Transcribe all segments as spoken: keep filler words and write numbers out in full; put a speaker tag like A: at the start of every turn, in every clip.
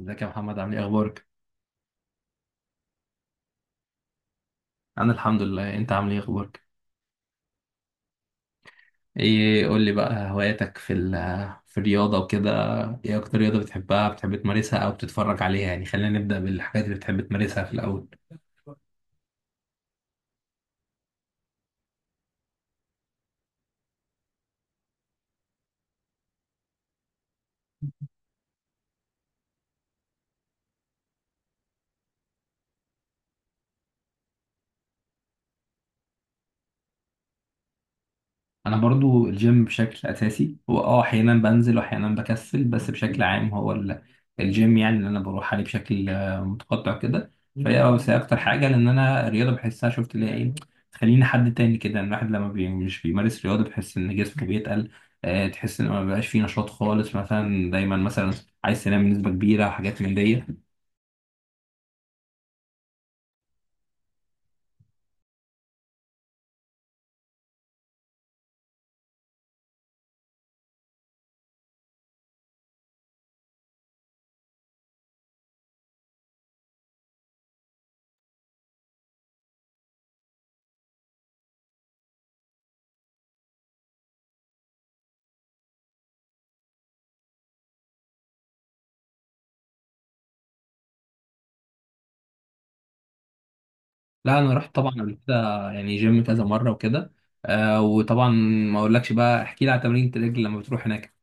A: ازيك يا محمد، عامل ايه؟ اخبارك؟ انا الحمد لله. انت عامل ايه؟ اخبارك؟ ايه، قول لي بقى هواياتك في ال في الرياضه وكده. ايه اكتر رياضه بتحبها، بتحب تمارسها او بتتفرج عليها؟ يعني خلينا نبدا بالحاجات اللي بتحب تمارسها في الاول. انا برضو الجيم بشكل اساسي هو اه احيانا بنزل واحيانا بكسل، بس بشكل عام هو ال- الجيم يعني اللي انا بروح عليه بشكل آه، متقطع كده. فهي اه بس هي اكتر حاجه، لان انا الرياضه بحسها، شفت اللي هي ايه، تخليني حد تاني كده. ان الواحد لما بي مش بيمارس رياضه بحس ان جسمه بيتقل. آه، تحس ان ما بقاش فيه نشاط خالص، مثلا دايما مثلا عايز تنام بنسبه كبيره وحاجات من دي. لا، انا رحت طبعا قبل كده. يعني جيم كذا مره وكده. آه، وطبعا ما اقولكش بقى، احكي لي على تمرين الرجل لما بتروح هناك.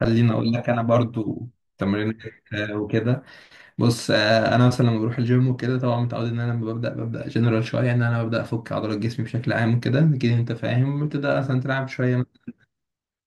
A: خليني اقول لك انا برضو تمرين آه، وكده. بص، آه، انا مثلا لما بروح الجيم وكده طبعا متعود ان انا لما ببدا ببدا جنرال شويه، ان انا ببدا افك عضلات جسمي بشكل عام وكده. اكيد انت فاهم، بتبدا مثلا تلعب شويه.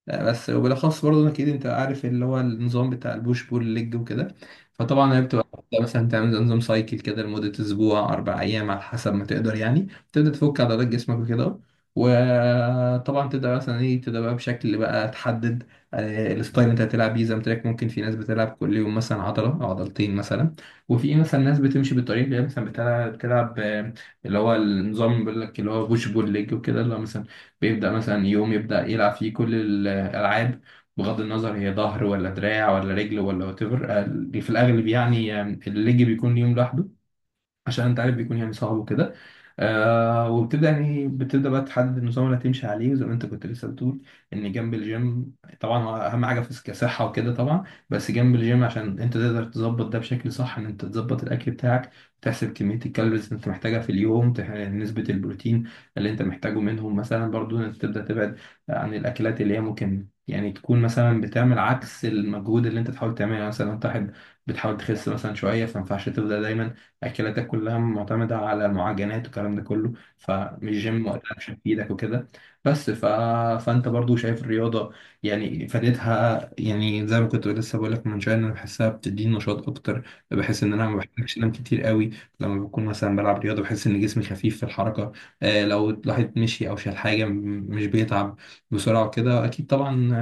A: آه، بس وبالاخص برضه اكيد انت عارف اللي هو النظام بتاع البوش بول ليج وكده. فطبعا هي بتبقى واحدة مثلا تعمل زي نظام سايكل كده لمده اسبوع، اربع ايام على حسب ما تقدر يعني. تبدا تفك عضلات جسمك وكده. وطبعا تبدا مثلا ايه، تبدا بقى بشكل بقى تحدد آه، الستايل اللي انت هتلعب بيه. زي ما قلت لك، ممكن في ناس بتلعب كل يوم مثلا عضله او عضلتين مثلا، وفي مثلا ناس بتمشي بالطريقه اللي هي مثلا بتلعب بتلعب آه، اللي هو النظام بيقول لك، اللي هو بوش بول ليج وكده، اللي هو مثلا بيبدأ مثلا يوم يبدأ يلعب فيه كل الألعاب، بغض النظر هي ظهر ولا دراع ولا رجل ولا وات ايفر. في الأغلب يعني آه، الليج بيكون يوم لوحده، عشان أنت عارف بيكون يعني صعب وكده. آه وبتبدأ يعني بتبدأ بقى تحدد النظام اللي هتمشي عليه. وزي ما انت كنت لسه بتقول، ان جنب الجيم طبعا اهم حاجة في كصحة وكده، طبعا بس جنب الجيم، عشان انت تقدر تظبط ده بشكل صح، ان انت تظبط الاكل بتاعك، تحسب كمية الكالوريز اللي انت محتاجها في اليوم، تح- نسبة البروتين اللي انت محتاجه منهم مثلا. برضو انت تبدأ تبعد عن الاكلات اللي هي ممكن يعني تكون مثلا بتعمل عكس المجهود اللي انت تحاول تعمله. يعني مثلا انت واحد بتحاول تخس مثلا شوية، فما ينفعش تبدأ دايما اكلاتك كلها معتمده على المعجنات والكلام ده كله، فمش جيم وقتها مش هتفيدك وكده. بس ف... فانت برضو شايف الرياضه يعني فادتها؟ يعني زي ما كنت لسه بقول لك من شويه، إن انا بحسها بتديني نشاط اكتر. بحس ان انا ما بحتاجش انام كتير قوي. لما بكون مثلا بلعب رياضه بحس ان جسمي خفيف في الحركه. آه، لو الواحد مشي او شال حاجه م- مش بيتعب بسرعه وكده، اكيد طبعا.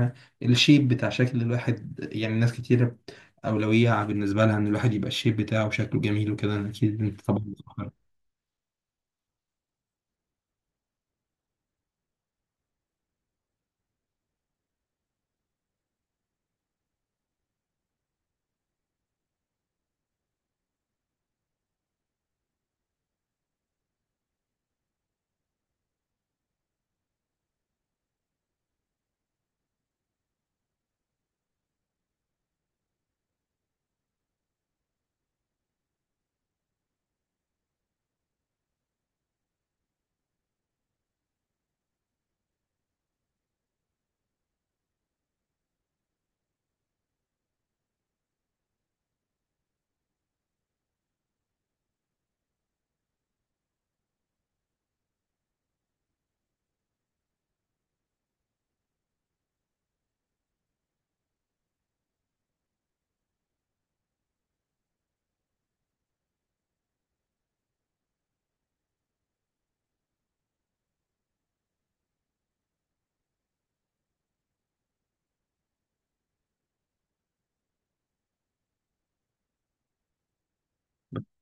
A: آه، الشيب بتاع شكل الواحد، يعني ناس كتير أولوية بالنسبة لها إن الواحد يبقى الشيب بتاعه وشكله جميل وكده. أنا أكيد أنت طبعا متأخر.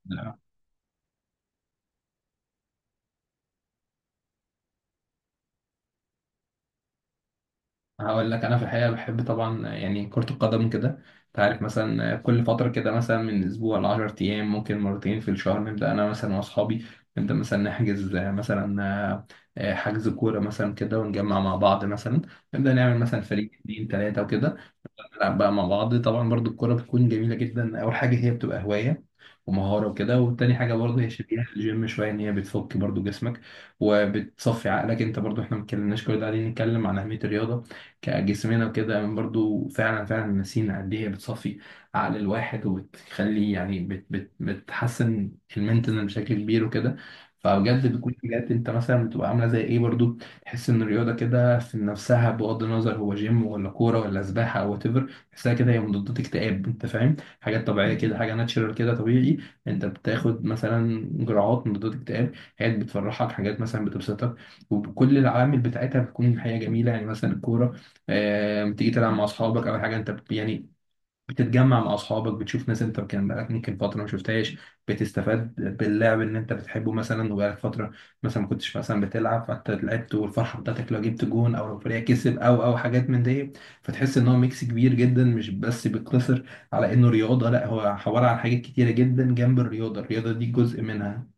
A: لا. هقول لك أنا في الحقيقة بحب طبعا يعني كرة القدم كده. أنت عارف مثلا كل فترة كده مثلا من أسبوع لعشر أيام، ممكن مرتين في الشهر، نبدأ أنا مثلا وأصحابي نبدأ مثلا نحجز مثلا حجز كورة مثلا كده، ونجمع مع بعض مثلا نبدأ نعمل مثلا فريق اتنين تلاتة وكده. بنلعب بقى مع بعض. طبعا برضو الكرة بتكون جميلة جدا. أول حاجة هي بتبقى هواية ومهارة وكده، والتاني حاجة برضو هي شبيهة الجيم شوية، إن هي بتفك برضو جسمك وبتصفي عقلك. أنت برضو إحنا ما اتكلمناش كل ده، قاعدين نتكلم عن أهمية الرياضة كجسمنا وكده، برضو فعلا فعلا نسينا قد إيه هي بتصفي عقل الواحد، وبتخلي يعني بت بت بتحسن المنتنال بشكل كبير وكده. فبجد بتكون حاجات انت مثلا بتبقى عامله زي ايه. برضو تحس ان الرياضه كده في نفسها، بغض النظر هو جيم ولا كوره ولا سباحه او وات، تحسها كده هي مضادات اكتئاب، انت فاهم؟ حاجات طبيعيه كده، حاجه ناتشرال كده طبيعي. انت بتاخد مثلا جرعات مضادات اكتئاب، حاجات بتفرحك، حاجات مثلا بتبسطك. وكل العوامل بتاعتها بتكون حاجه جميله. يعني مثلا الكوره، آه، بتيجي تلعب مع اصحابك او حاجه، انت ب- يعني بتتجمع مع اصحابك، بتشوف ناس انت كان بقالك ممكن فتره ما شفتهاش. بتستفاد باللعب ان انت بتحبه مثلا، وبقالك فتره مثلا ما كنتش مثلا بتلعب، فانت لعبت، والفرحه بتاعتك لو جبت جون او لو فريقك كسب او او حاجات من دي. فتحس ان هو ميكس كبير جدا، مش بس بيقتصر على انه رياضه. لا، هو عباره عن حاجات كتيره جدا جنب الرياضه، الرياضه دي جزء منها.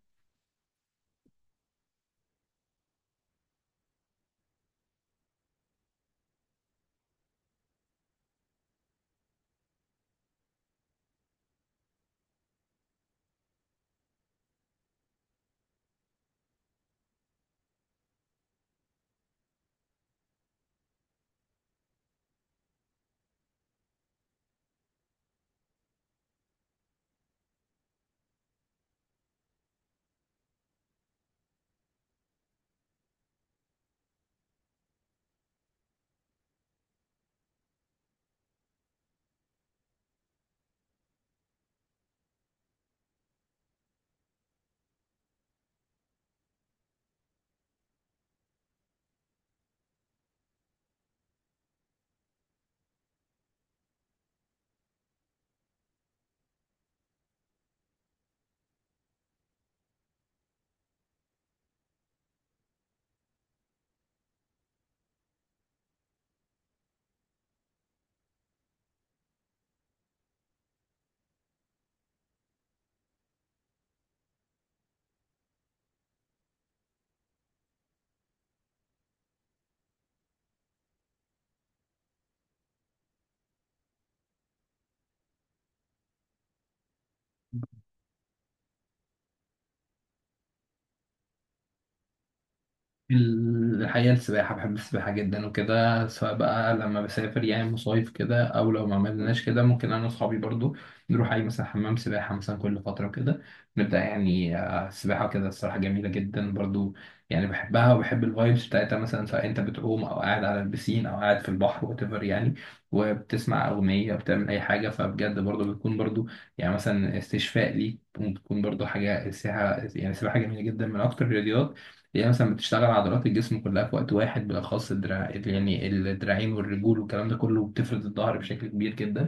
A: الحقيقة السباحة، بحب السباحة جدا وكده. سواء بقى لما بسافر يعني مصايف كده، أو لو ما عملناش كده ممكن أنا وأصحابي برضو نروح أي مثلا حمام سباحة مثلا كل فترة كده، نبدأ يعني آه، السباحة كده الصراحة جميلة جدا برضو. يعني بحبها وبحب الفايبس بتاعتها، مثلا سواء أنت بتعوم أو قاعد على البسين أو قاعد في البحر، وات ايفر يعني. وبتسمع أغنية، بتعمل أي حاجة، فبجد برضو بتكون برضو يعني مثلا استشفاء ليك، وبتكون برضو حاجة السباحة يعني. السباحة جميلة جدا، من أكتر الرياضيات هي مثلا بتشتغل عضلات الجسم كلها في وقت واحد، بالأخص الدراع يعني الدراعين والرجول والكلام ده كله، وبتفرد الظهر بشكل كبير جدا.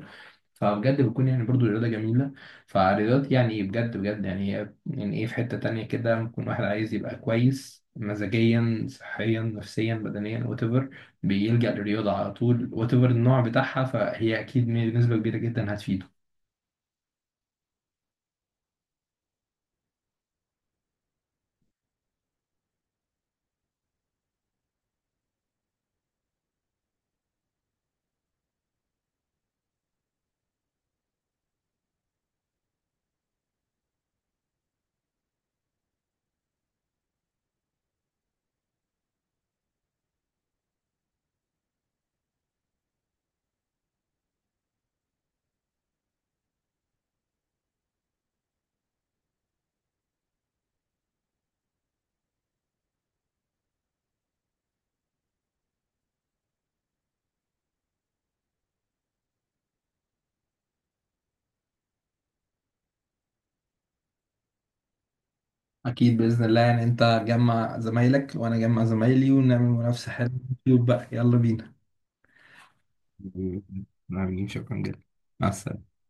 A: فبجد بتكون يعني برضو رياضة جميلة. فالرياضات يعني بجد بجد، يعني هي يعني ايه، في حتة تانية كده ممكن واحد عايز يبقى كويس مزاجيا، صحيا، نفسيا، بدنيا، whatever، بيلجأ للرياضة على طول. whatever النوع بتاعها فهي أكيد بنسبة كبيرة جدا هتفيده. اكيد باذن الله. يعني انت تجمع زمايلك وانا اجمع زمايلي ونعمل منافسه حلوه في اليوتيوب بقى. يلا بينا. نعم، شكرا جدا. مع السلامة.